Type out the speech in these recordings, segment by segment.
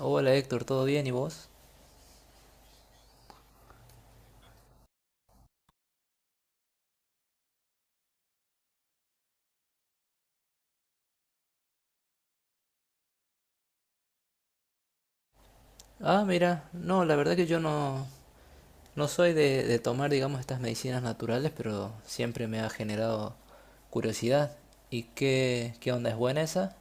Hola Héctor, ¿todo bien? ¿Y vos? Ah, mira, no, la verdad que yo no, no soy de tomar, digamos, estas medicinas naturales, pero siempre me ha generado curiosidad. ¿Y qué onda? ¿Es buena esa?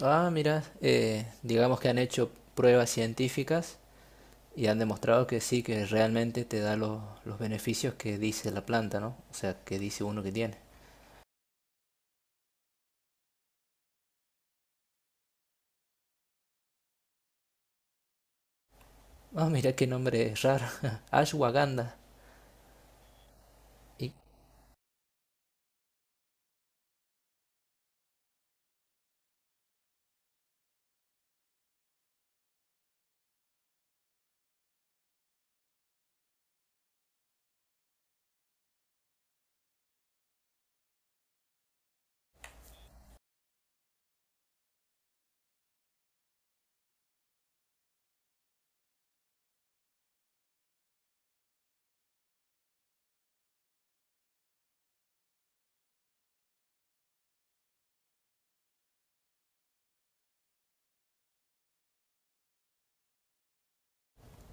Ah, mira, digamos que han hecho pruebas científicas y han demostrado que sí, que realmente te da los beneficios que dice la planta, ¿no? O sea, que dice uno que tiene. Ah, mira qué nombre raro. Ashwagandha. Y,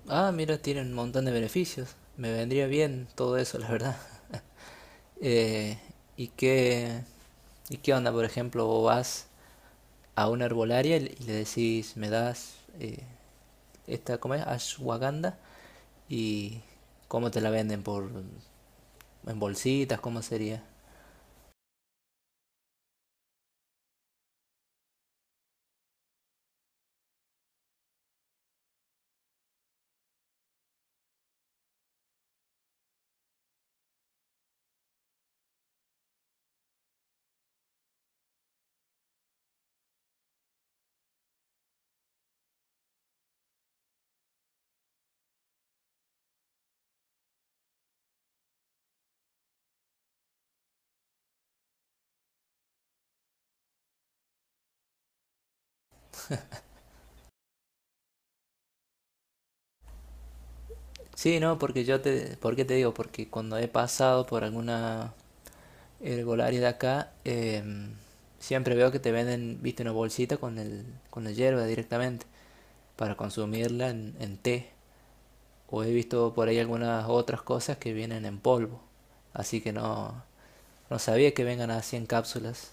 ah, mira, tiene un montón de beneficios. Me vendría bien todo eso, la verdad. Eh, ¿Y qué, ¿y qué onda? Por ejemplo, vos vas a una herbolaria y le decís, me das esta, ¿cómo es? Ashwagandha y cómo te la venden, por en bolsitas, ¿cómo sería? Sí, no, porque yo te, ¿por qué te digo? Porque cuando he pasado por alguna herbolaria de acá, siempre veo que te venden, viste, una bolsita con el, con la hierba directamente para consumirla en té, o he visto por ahí algunas otras cosas que vienen en polvo. Así que no, no sabía que vengan así en cápsulas.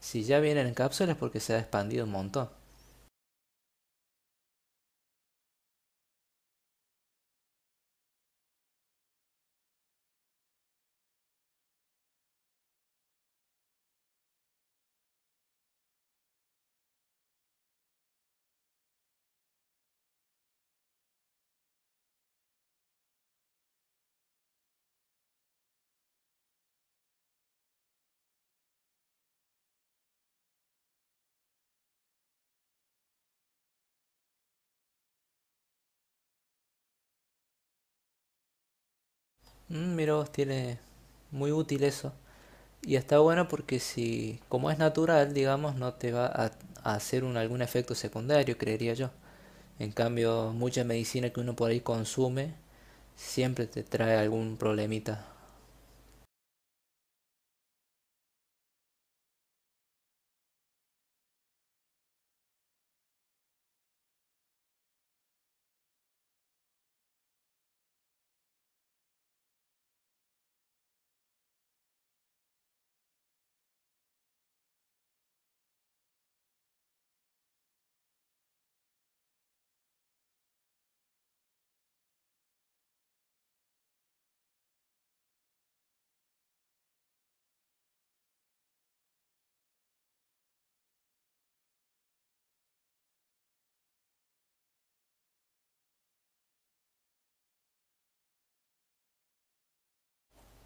Si ya vienen en cápsulas porque se ha expandido un montón. Mm, mira vos, tiene muy útil eso. Y está bueno porque si, como es natural, digamos, no te va a hacer un, algún efecto secundario, creería yo. En cambio, mucha medicina que uno por ahí consume siempre te trae algún problemita.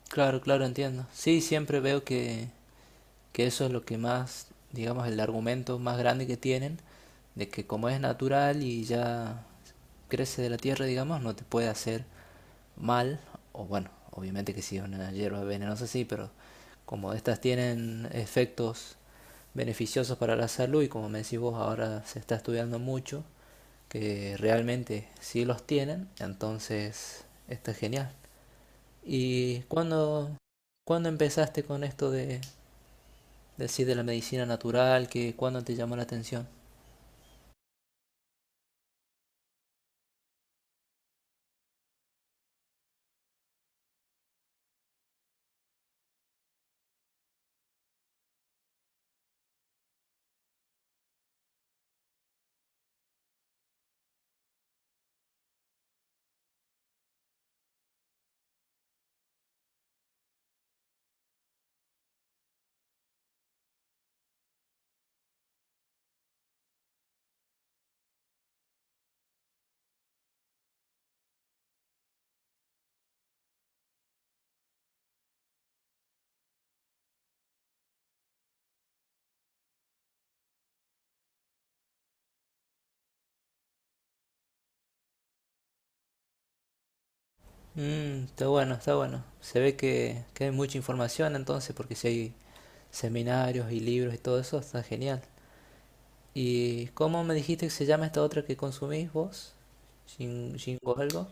Claro, claro, entiendo. Sí, siempre veo que eso es lo que más, digamos, el argumento más grande que tienen, de que como es natural y ya crece de la tierra, digamos, no te puede hacer mal, o bueno, obviamente que si es una hierba venenosa sí, pero como estas tienen efectos beneficiosos para la salud y como me decís vos ahora se está estudiando mucho, que realmente sí los tienen, entonces está genial. ¿Y cuándo empezaste con esto de, decir de la medicina natural, que cuándo te llamó la atención? Mm, está bueno, está bueno. Se ve que hay mucha información entonces, porque si hay seminarios y libros y todo eso, está genial. ¿Y cómo me dijiste que se llama esta otra que consumís vos? Shingo algo?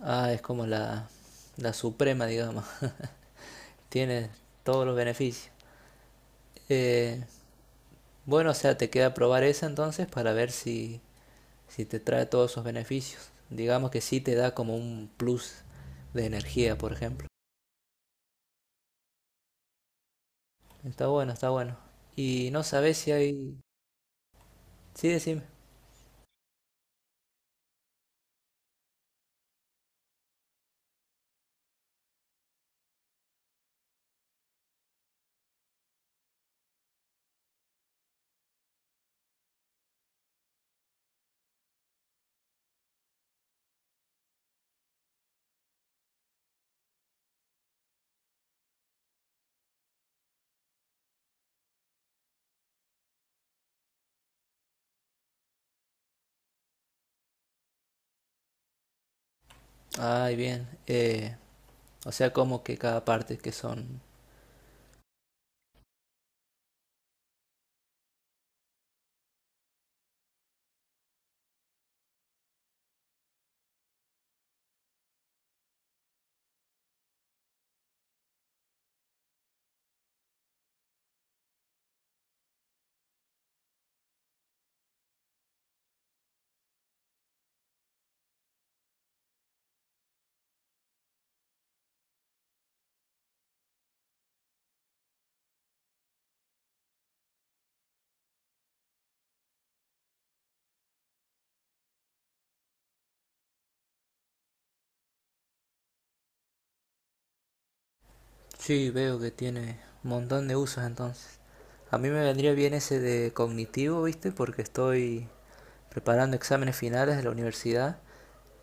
Ah, es como la suprema, digamos. Tiene todos los beneficios. Eh, bueno, o sea, te queda probar esa entonces para ver si, si te trae todos esos beneficios. Digamos que sí te da como un plus de energía, por ejemplo. Está bueno, está bueno. Y no sabes si hay... Sí, decime. Ay, bien. O sea, como que cada parte que son... Sí, veo que tiene un montón de usos entonces. A mí me vendría bien ese de cognitivo, ¿viste? Porque estoy preparando exámenes finales de la universidad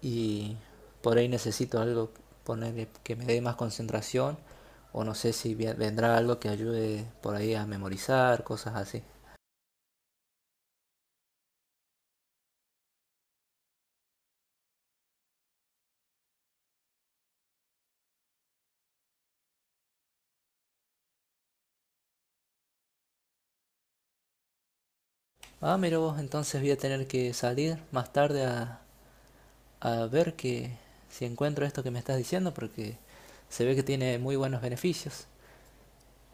y por ahí necesito algo, ponerle que me dé más concentración. O no sé si vendrá algo que ayude por ahí a memorizar, cosas así. Ah, mira vos, entonces voy a tener que salir más tarde a ver que si encuentro esto que me estás diciendo porque se ve que tiene muy buenos beneficios.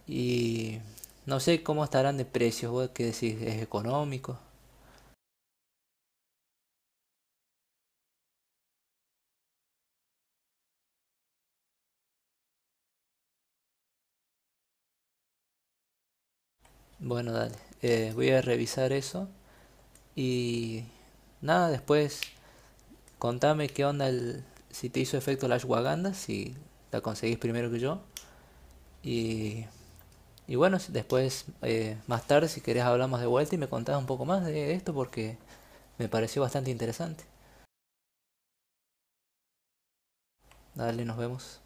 Y no sé cómo estarán de precios, vos qué decís, es económico. Bueno, dale, voy a revisar eso y nada, después contame qué onda si te hizo efecto la ashwagandha, si la conseguís primero que yo. Y y bueno, después, más tarde, si querés, hablamos de vuelta y me contás un poco más de esto porque me pareció bastante interesante. Dale, nos vemos.